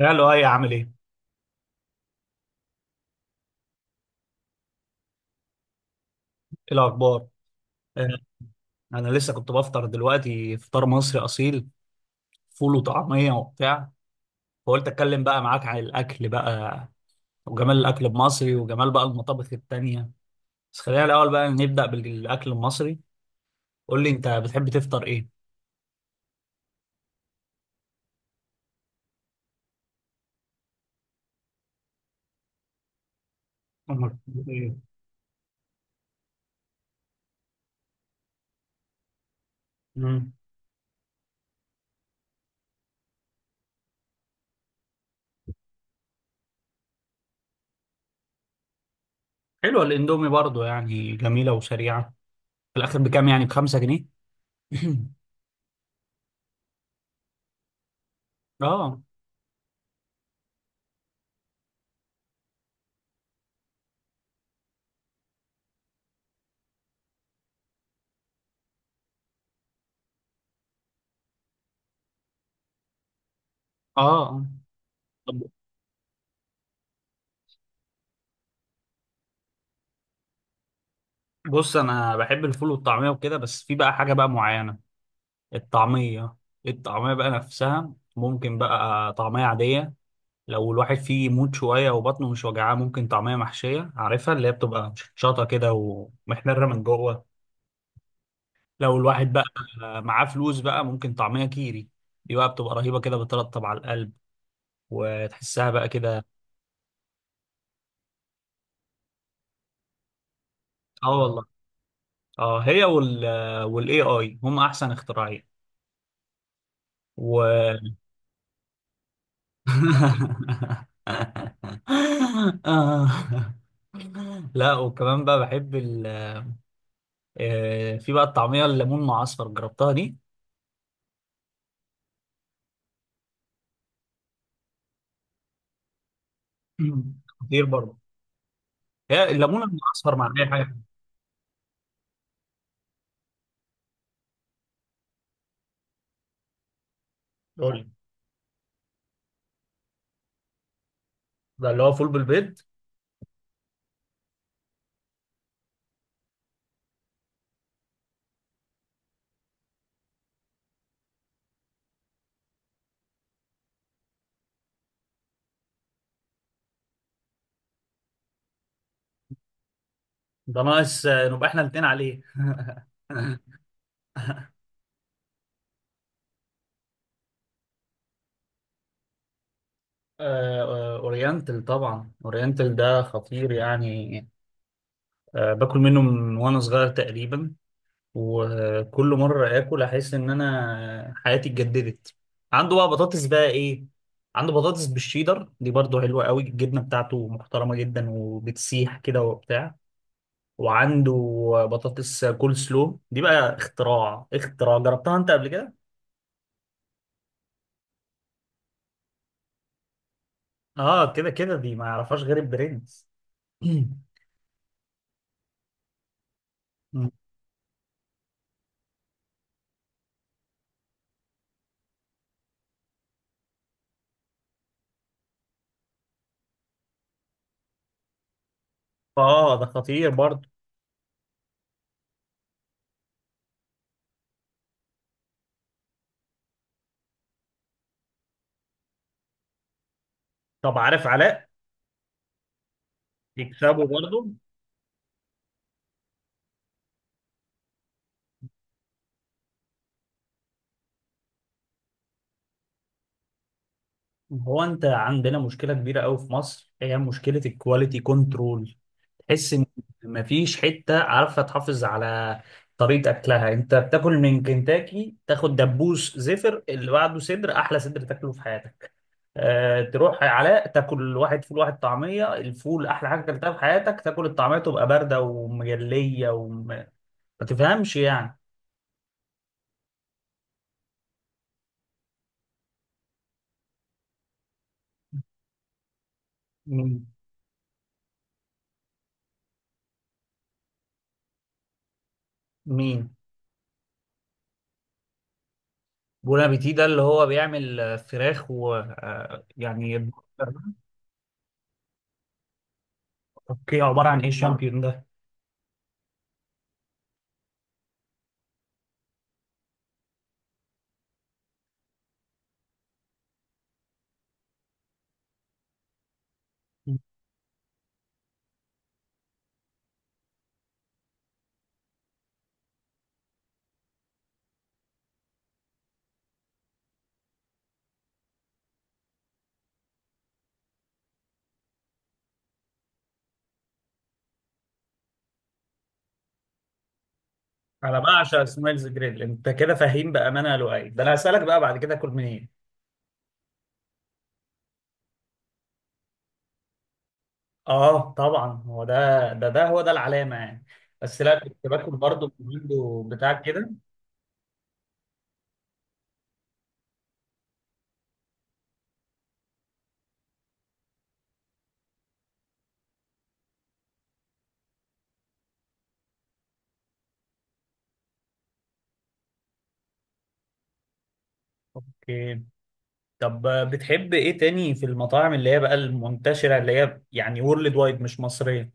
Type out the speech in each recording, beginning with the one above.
يا لؤي عامل ايه؟ ايه الاخبار؟ آه، انا لسه كنت بفطر دلوقتي فطار مصري اصيل، فول وطعميه وبتاع. فقلت اتكلم بقى معاك عن الاكل بقى، وجمال الاكل المصري، وجمال بقى المطابخ التانيه. بس خلينا الاول بقى نبدا بالاكل المصري. قول لي انت بتحب تفطر ايه؟ أمك بتحب إيه؟ مم. حلوه الاندومي برضو يعني، جميله وسريعه. في الاخر بكام؟ يعني بخمسة جنيه؟ اه. اه طب، بص انا بحب الفول والطعميه وكده، بس في بقى حاجه بقى معينه. الطعمية، الطعمية بقى نفسها، ممكن بقى طعمية عادية لو الواحد فيه يموت شوية وبطنه مش وجعاه، ممكن طعمية محشية عارفها اللي هي بتبقى شطة كده ومحمرة من جوه. لو الواحد بقى معاه فلوس بقى، ممكن طعمية كيري، دي بقى بتبقى رهيبة كده، بترطب على القلب وتحسها بقى كده. اه والله. اه هي وال، والاي اي هم احسن اختراعين و… آه. لا وكمان بقى بحب ال، في بقى الطعميه الليمون مع اصفر، جربتها دي؟ مم. خطير برضه. هي الليمون مع اصفر مع اي حاجه. قول لي. ده اللي هو فول بالبيض؟ ده ناقص نبقى احنا الاثنين عليه. اورينتال، طبعا اورينتال ده خطير يعني. باكل منه من وانا صغير تقريبا، وكل مره اكل احس ان انا حياتي اتجددت. عنده بقى بطاطس بقى ايه، عنده بطاطس بالشيدر، دي برضه حلوه قوي، الجبنه بتاعته محترمه جدا وبتسيح كده وبتاع. وعنده بطاطس كول سلو، دي بقى اختراع، اختراع. جربتها انت قبل كده؟ اه، كده كده دي ما يعرفهاش غير البرنس. اه ده خطير برضه. طب عارف علاء؟ يكسبه برضه. هو انت عندنا مشكله كبيره قوي في مصر، هي مشكله الكواليتي كنترول. تحس ان مفيش حته عارفه تحافظ على طريقه اكلها. انت بتاكل من كنتاكي، تاخد دبوس زفر، اللي بعده صدر احلى صدر تاكله في حياتك. تروح يا علاء تاكل واحد فول واحد طعمية، الفول أحلى حاجة أكلتها في حياتك، تاكل الطعمية تبقى باردة ومجلية وما تفهمش يعني. مين؟ مين؟ بون ابيتي، ده اللي هو بيعمل فراخ و يعني. اوكي، عبارة عن ايه الشامبيون ده؟ انا بعشق سمايلز جريل، انت كده فاهم بامانه يا لؤي، ده انا هسالك بقى بعد كده اكل منين. اه طبعا، هو ده العلامه يعني. بس لا، كنت باكل برضه من عنده بتاع كده. اوكي. طب بتحب ايه تاني في المطاعم اللي هي بقى المنتشرة، اللي هي يعني وورلد وايد مش مصرية؟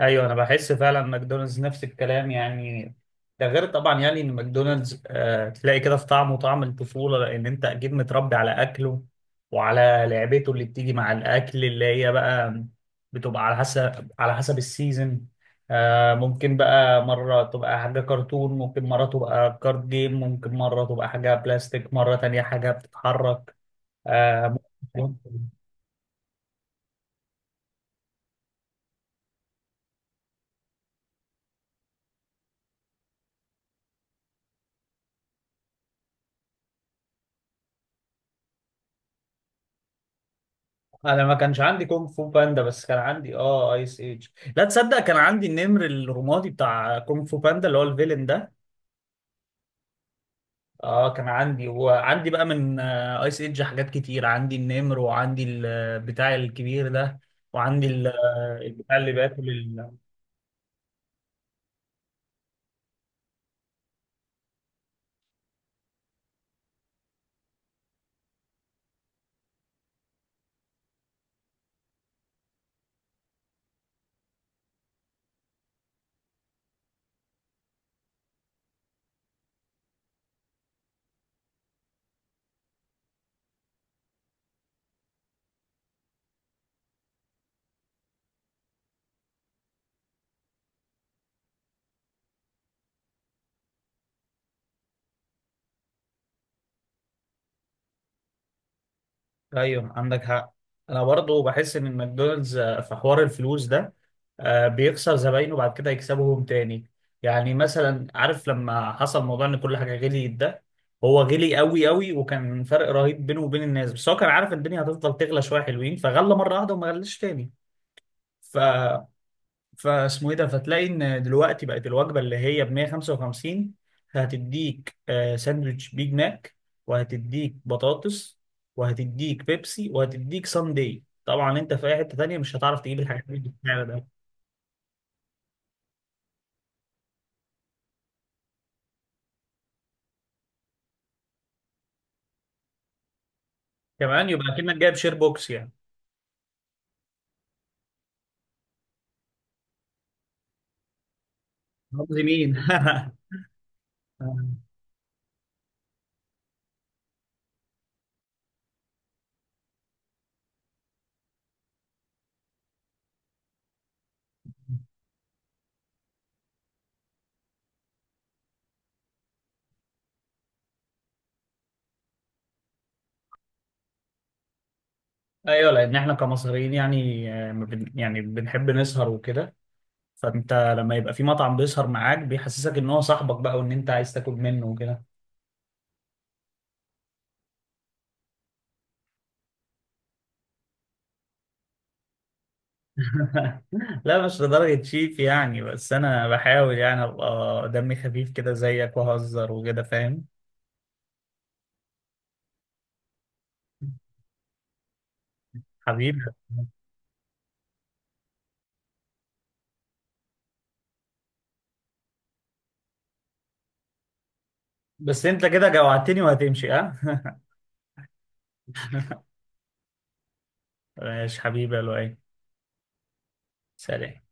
ايوه، انا بحس فعلا ماكدونالدز نفس الكلام يعني. ده غير طبعا يعني ان ماكدونالدز آه تلاقي كده في طعمه طعم الطفولة، لان انت اكيد متربي على اكله وعلى لعبته اللي بتيجي مع الاكل، اللي هي بقى بتبقى على حسب، على حسب السيزون. آه ممكن بقى مرة تبقى حاجة كرتون، ممكن مرة تبقى كارد جيم، ممكن مرة تبقى حاجة بلاستيك، مرة تانية حاجة بتتحرك. آه. انا ما كانش عندي كونغ فو باندا، بس كان عندي اه ايس ايج. لا تصدق، كان عندي النمر الرمادي بتاع كونغ فو باندا اللي هو الفيلن ده. اه كان عندي، وعندي بقى من آه ايس ايج حاجات كتير، عندي النمر، وعندي البتاع الكبير ده، وعندي البتاع اللي باكل ال… ايوه عندك حق. انا برضو بحس ان ماكدونالدز في حوار الفلوس ده، بيخسر زباينه بعد كده يكسبهم تاني. يعني مثلا عارف لما حصل موضوع ان كل حاجه غليت ده، هو غلي قوي قوي، وكان فرق رهيب بينه وبين الناس، بس هو كان عارف إن الدنيا هتفضل تغلى شويه حلوين، فغلى مره واحده وما غلاش تاني. ف فاسمه ايه ده، فتلاقي ان دلوقتي بقت الوجبه اللي هي ب 155، هتديك ساندوتش بيج ماك، وهتديك بطاطس، وهتديك بيبسي، وهتديك ساندي. طبعا انت في اي حته تانيه مش هتعرف تجيب الحاجات دي بالسعر ده. كمان يبقى اكنك جايب شير بوكس يعني. قصدي مين. ايوه، لان احنا كمصريين يعني ما بن- يعني بنحب نسهر وكده. فانت لما يبقى في مطعم بيسهر معاك، بيحسسك ان هو صاحبك بقى، وان انت عايز تاكل منه وكده. لا مش لدرجة شيف يعني، بس انا بحاول يعني ابقى دمي خفيف كده زيك واهزر وكده، فاهم. حبيبي. بس انت كده جوعتني وهتمشي ها. ماشي حبيبي يا لؤي. سلام.